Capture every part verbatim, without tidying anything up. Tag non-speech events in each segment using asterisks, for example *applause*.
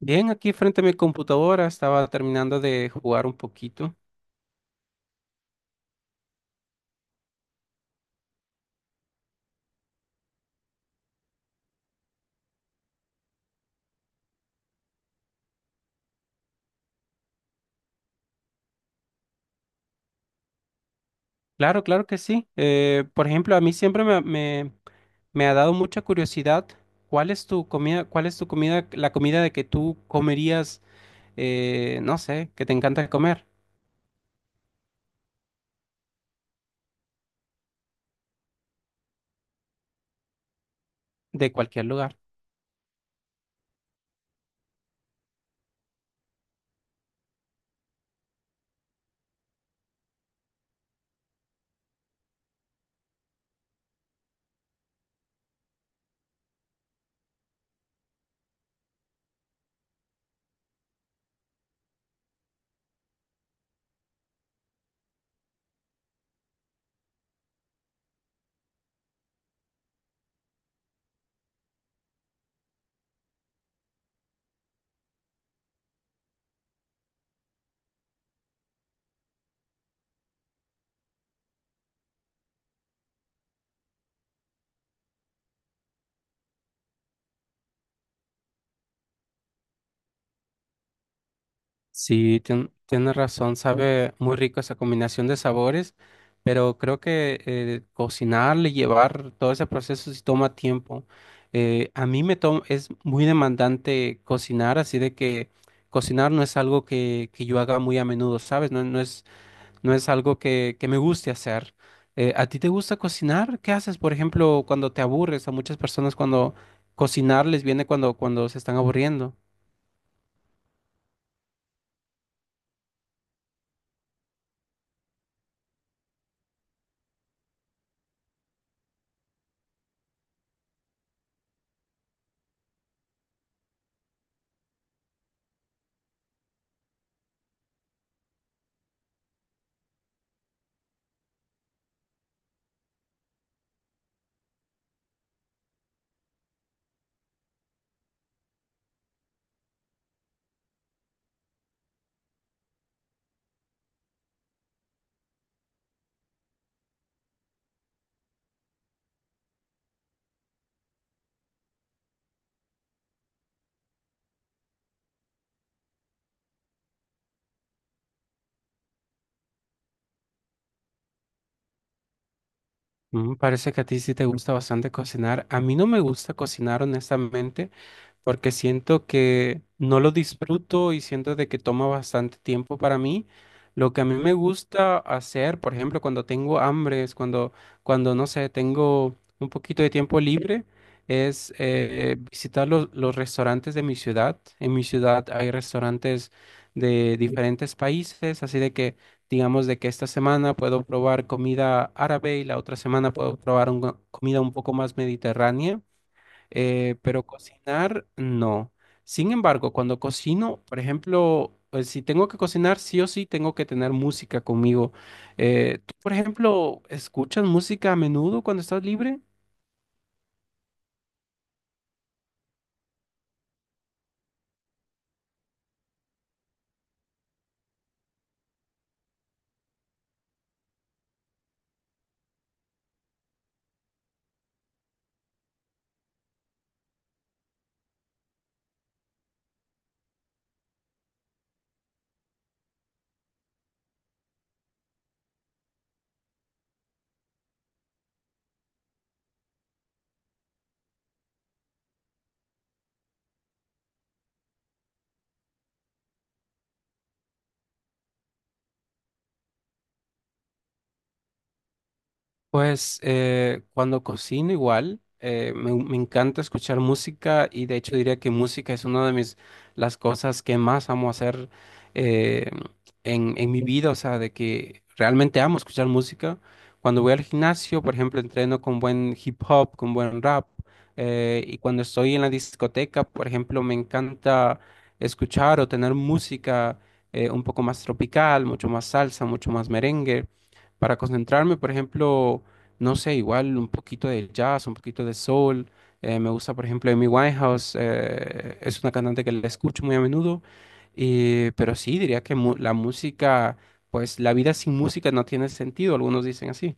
Bien, aquí frente a mi computadora estaba terminando de jugar un poquito. Claro, claro que sí. Eh, por ejemplo, a mí siempre me, me, me ha dado mucha curiosidad cuál es tu comida, cuál es tu comida, la comida de que tú comerías, eh, no sé, que te encanta comer de cualquier lugar. Sí, tien- tienes razón, sabe muy rico esa combinación de sabores, pero creo que eh, cocinarle, llevar todo ese proceso sí toma tiempo. Eh, a mí me toma, es muy demandante cocinar, así de que cocinar no es algo que, que yo haga muy a menudo, ¿sabes? No, no es, no es algo que, que me guste hacer. Eh, ¿a ti te gusta cocinar? ¿Qué haces, por ejemplo, cuando te aburres? A muchas personas cuando cocinar les viene cuando, cuando se están aburriendo. Mm, parece que a ti sí te gusta bastante cocinar. A mí no me gusta cocinar, honestamente porque siento que no lo disfruto y siento de que toma bastante tiempo para mí. Lo que a mí me gusta hacer, por ejemplo, cuando tengo hambre, es cuando, cuando no sé, tengo un poquito de tiempo libre, es eh, visitar los, los restaurantes de mi ciudad. En mi ciudad hay restaurantes de diferentes países, así de que, digamos, de que esta semana puedo probar comida árabe y la otra semana puedo probar un- comida un poco más mediterránea. Eh, pero cocinar, no. Sin embargo, cuando cocino, por ejemplo, eh, si tengo que cocinar, sí o sí tengo que tener música conmigo. Eh, ¿tú, por ejemplo, escuchas música a menudo cuando estás libre? Pues eh, cuando cocino igual, eh, me, me encanta escuchar música y de hecho diría que música es una de mis, las cosas que más amo hacer eh, en, en mi vida, o sea, de que realmente amo escuchar música. Cuando voy al gimnasio, por ejemplo, entreno con buen hip hop, con buen rap, eh, y cuando estoy en la discoteca, por ejemplo, me encanta escuchar o tener música eh, un poco más tropical, mucho más salsa, mucho más merengue para concentrarme, por ejemplo, no sé, igual un poquito de jazz, un poquito de soul. Eh, me gusta, por ejemplo, Amy Winehouse, eh, es una cantante que la escucho muy a menudo, y- pero sí, diría que mu- la música, pues la vida sin música no tiene sentido, algunos dicen así.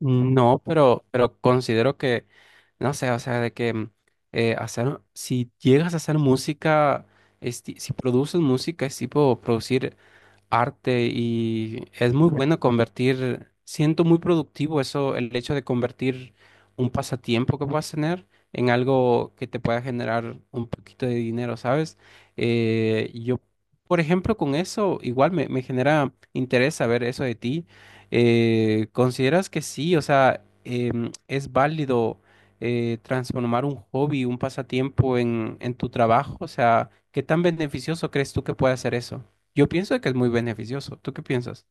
No, pero, pero considero que, no sé, o sea, de que mm, eh, hacer, si llegas a hacer música, es ti- si produces música, es tipo producir arte y es muy bueno convertir, siento muy productivo eso, el hecho de convertir un pasatiempo que puedas tener en algo que te pueda generar un poquito de dinero, ¿sabes? Eh, yo, por ejemplo, con eso igual me, me genera interés saber eso de ti. Eh, ¿consideras que sí? O sea, em, ¿es válido eh, transformar un hobby, un pasatiempo en, en tu trabajo? O sea, ¿qué tan beneficioso crees tú que puede ser eso? Yo pienso que es muy beneficioso. ¿Tú qué piensas?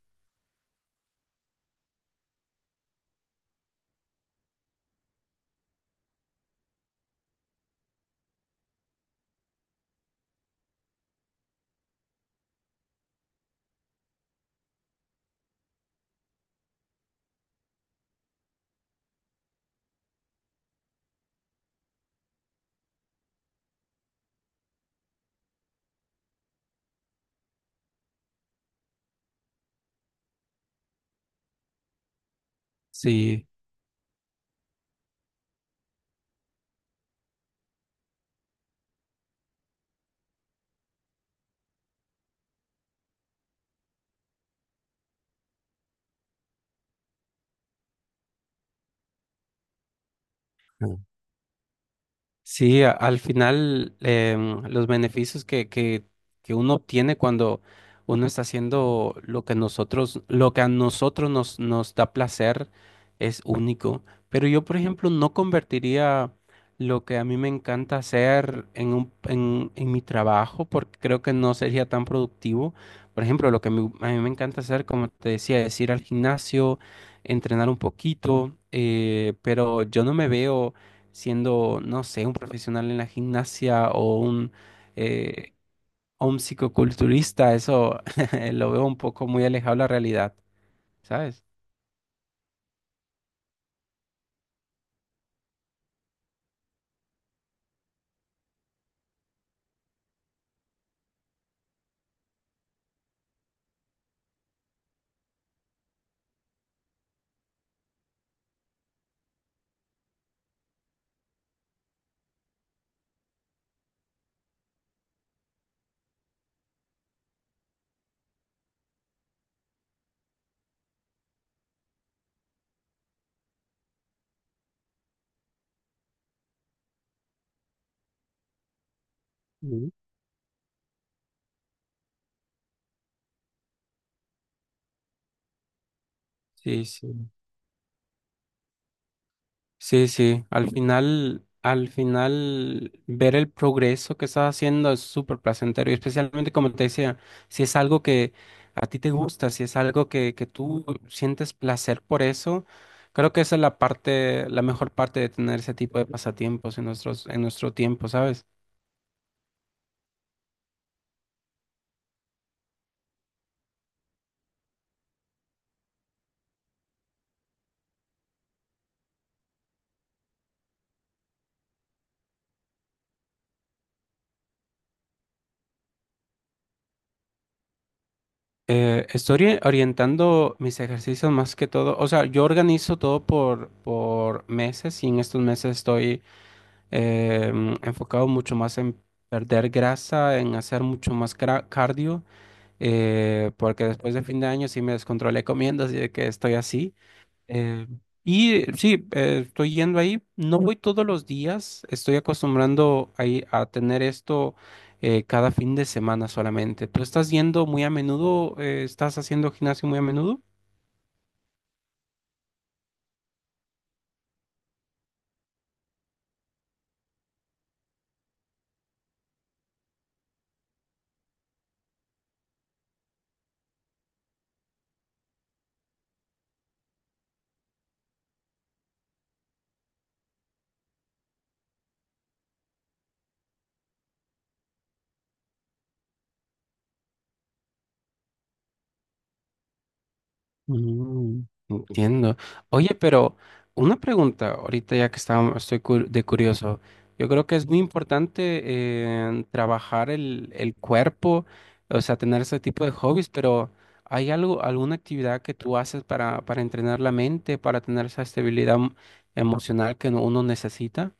Sí. Sí, a- al final em, los beneficios que, que, que uno obtiene cuando uno está haciendo lo que nosotros, lo que a nosotros nos, nos da placer es único. Pero yo, por ejemplo, no convertiría lo que a mí me encanta hacer en un, en, en mi trabajo porque creo que no sería tan productivo. Por ejemplo, lo que me- a mí me encanta hacer, como te decía, es ir al gimnasio, entrenar un poquito, eh, pero yo no me veo siendo, no sé, un profesional en la gimnasia o un, eh, o un psicoculturista, eso *laughs* lo veo un poco muy alejado de la realidad, ¿sabes? Mm. Sí, sí. Sí, sí, al final, al final ver el progreso que estás haciendo es súper placentero y especialmente como te decía, si es algo que a ti te gusta, si es algo que, que tú sientes placer por eso, creo que esa es la parte, la mejor parte de tener ese tipo de pasatiempos en nuestros, en nuestro tiempo, ¿sabes? Eh, estoy ori- orientando mis ejercicios más que todo. O sea, yo organizo todo por, por meses y en estos meses estoy eh, mm, enfocado mucho más en perder grasa, en hacer mucho más cra- cardio, eh, porque después de fin de año sí me descontrolé comiendo, así de que estoy así. Eh, y eh, sí, eh, estoy yendo ahí. No voy todos los días. Estoy acostumbrando ahí a tener esto eh, cada fin de semana solamente. ¿Tú estás yendo muy a menudo? Eh, ¿estás haciendo gimnasio muy a menudo? Mm, entiendo. Oye, pero una pregunta, ahorita ya que estamos, estoy cu- de curioso, yo creo que es muy importante eh, trabajar el, el cuerpo, o sea, tener ese tipo de hobbies, pero ¿hay algo, alguna actividad que tú haces para, para entrenar la mente, para tener esa estabilidad m- emocional que uno necesita?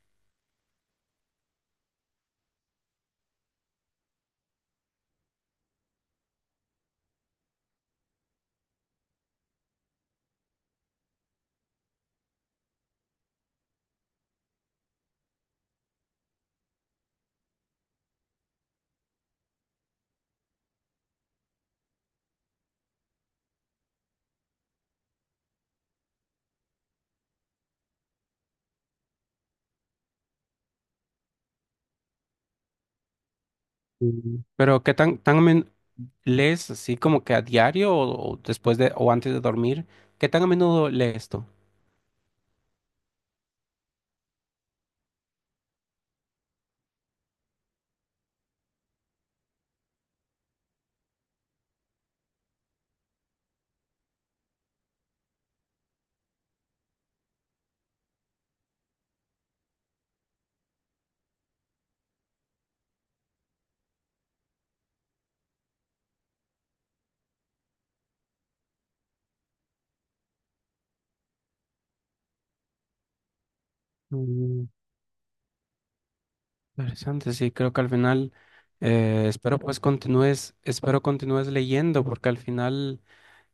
Mm. Pero ¿qué tan, tan a men- lees así como que a diario o, o después de o antes de dormir? ¿Qué tan a menudo lees tú? Interesante, sí, creo que al final eh, espero pues continúes, espero continúes leyendo porque al final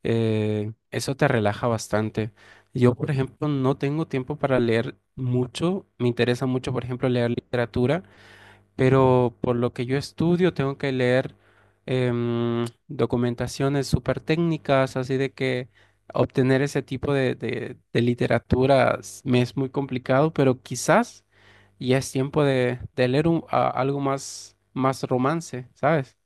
eh, eso te relaja bastante. Yo, por ejemplo, no tengo tiempo para leer mucho, me interesa mucho, por ejemplo, leer literatura, pero por lo que yo estudio tengo que leer em, documentaciones súper técnicas, así de que obtener ese tipo de, de, de literaturas me es muy complicado, pero quizás ya es tiempo de, de leer un- a- algo más, más romance, ¿sabes?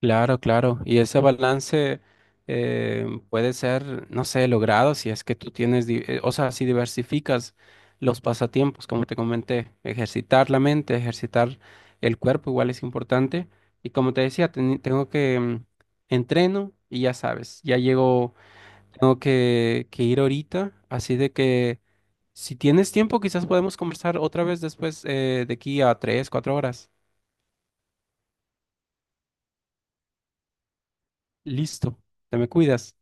Claro, claro. Y ese balance eh, puede ser, no sé, logrado si es que tú tienes, di- eh, o sea, si diversificas los pasatiempos, como te comenté, ejercitar la mente, ejercitar el cuerpo igual es importante. Y como te decía, teni- tengo que mm, entreno y ya sabes, ya llego, tengo que, que ir ahorita, así de que si tienes tiempo, quizás podemos conversar otra vez después eh, de aquí a tres, cuatro horas. Listo, te me cuidas.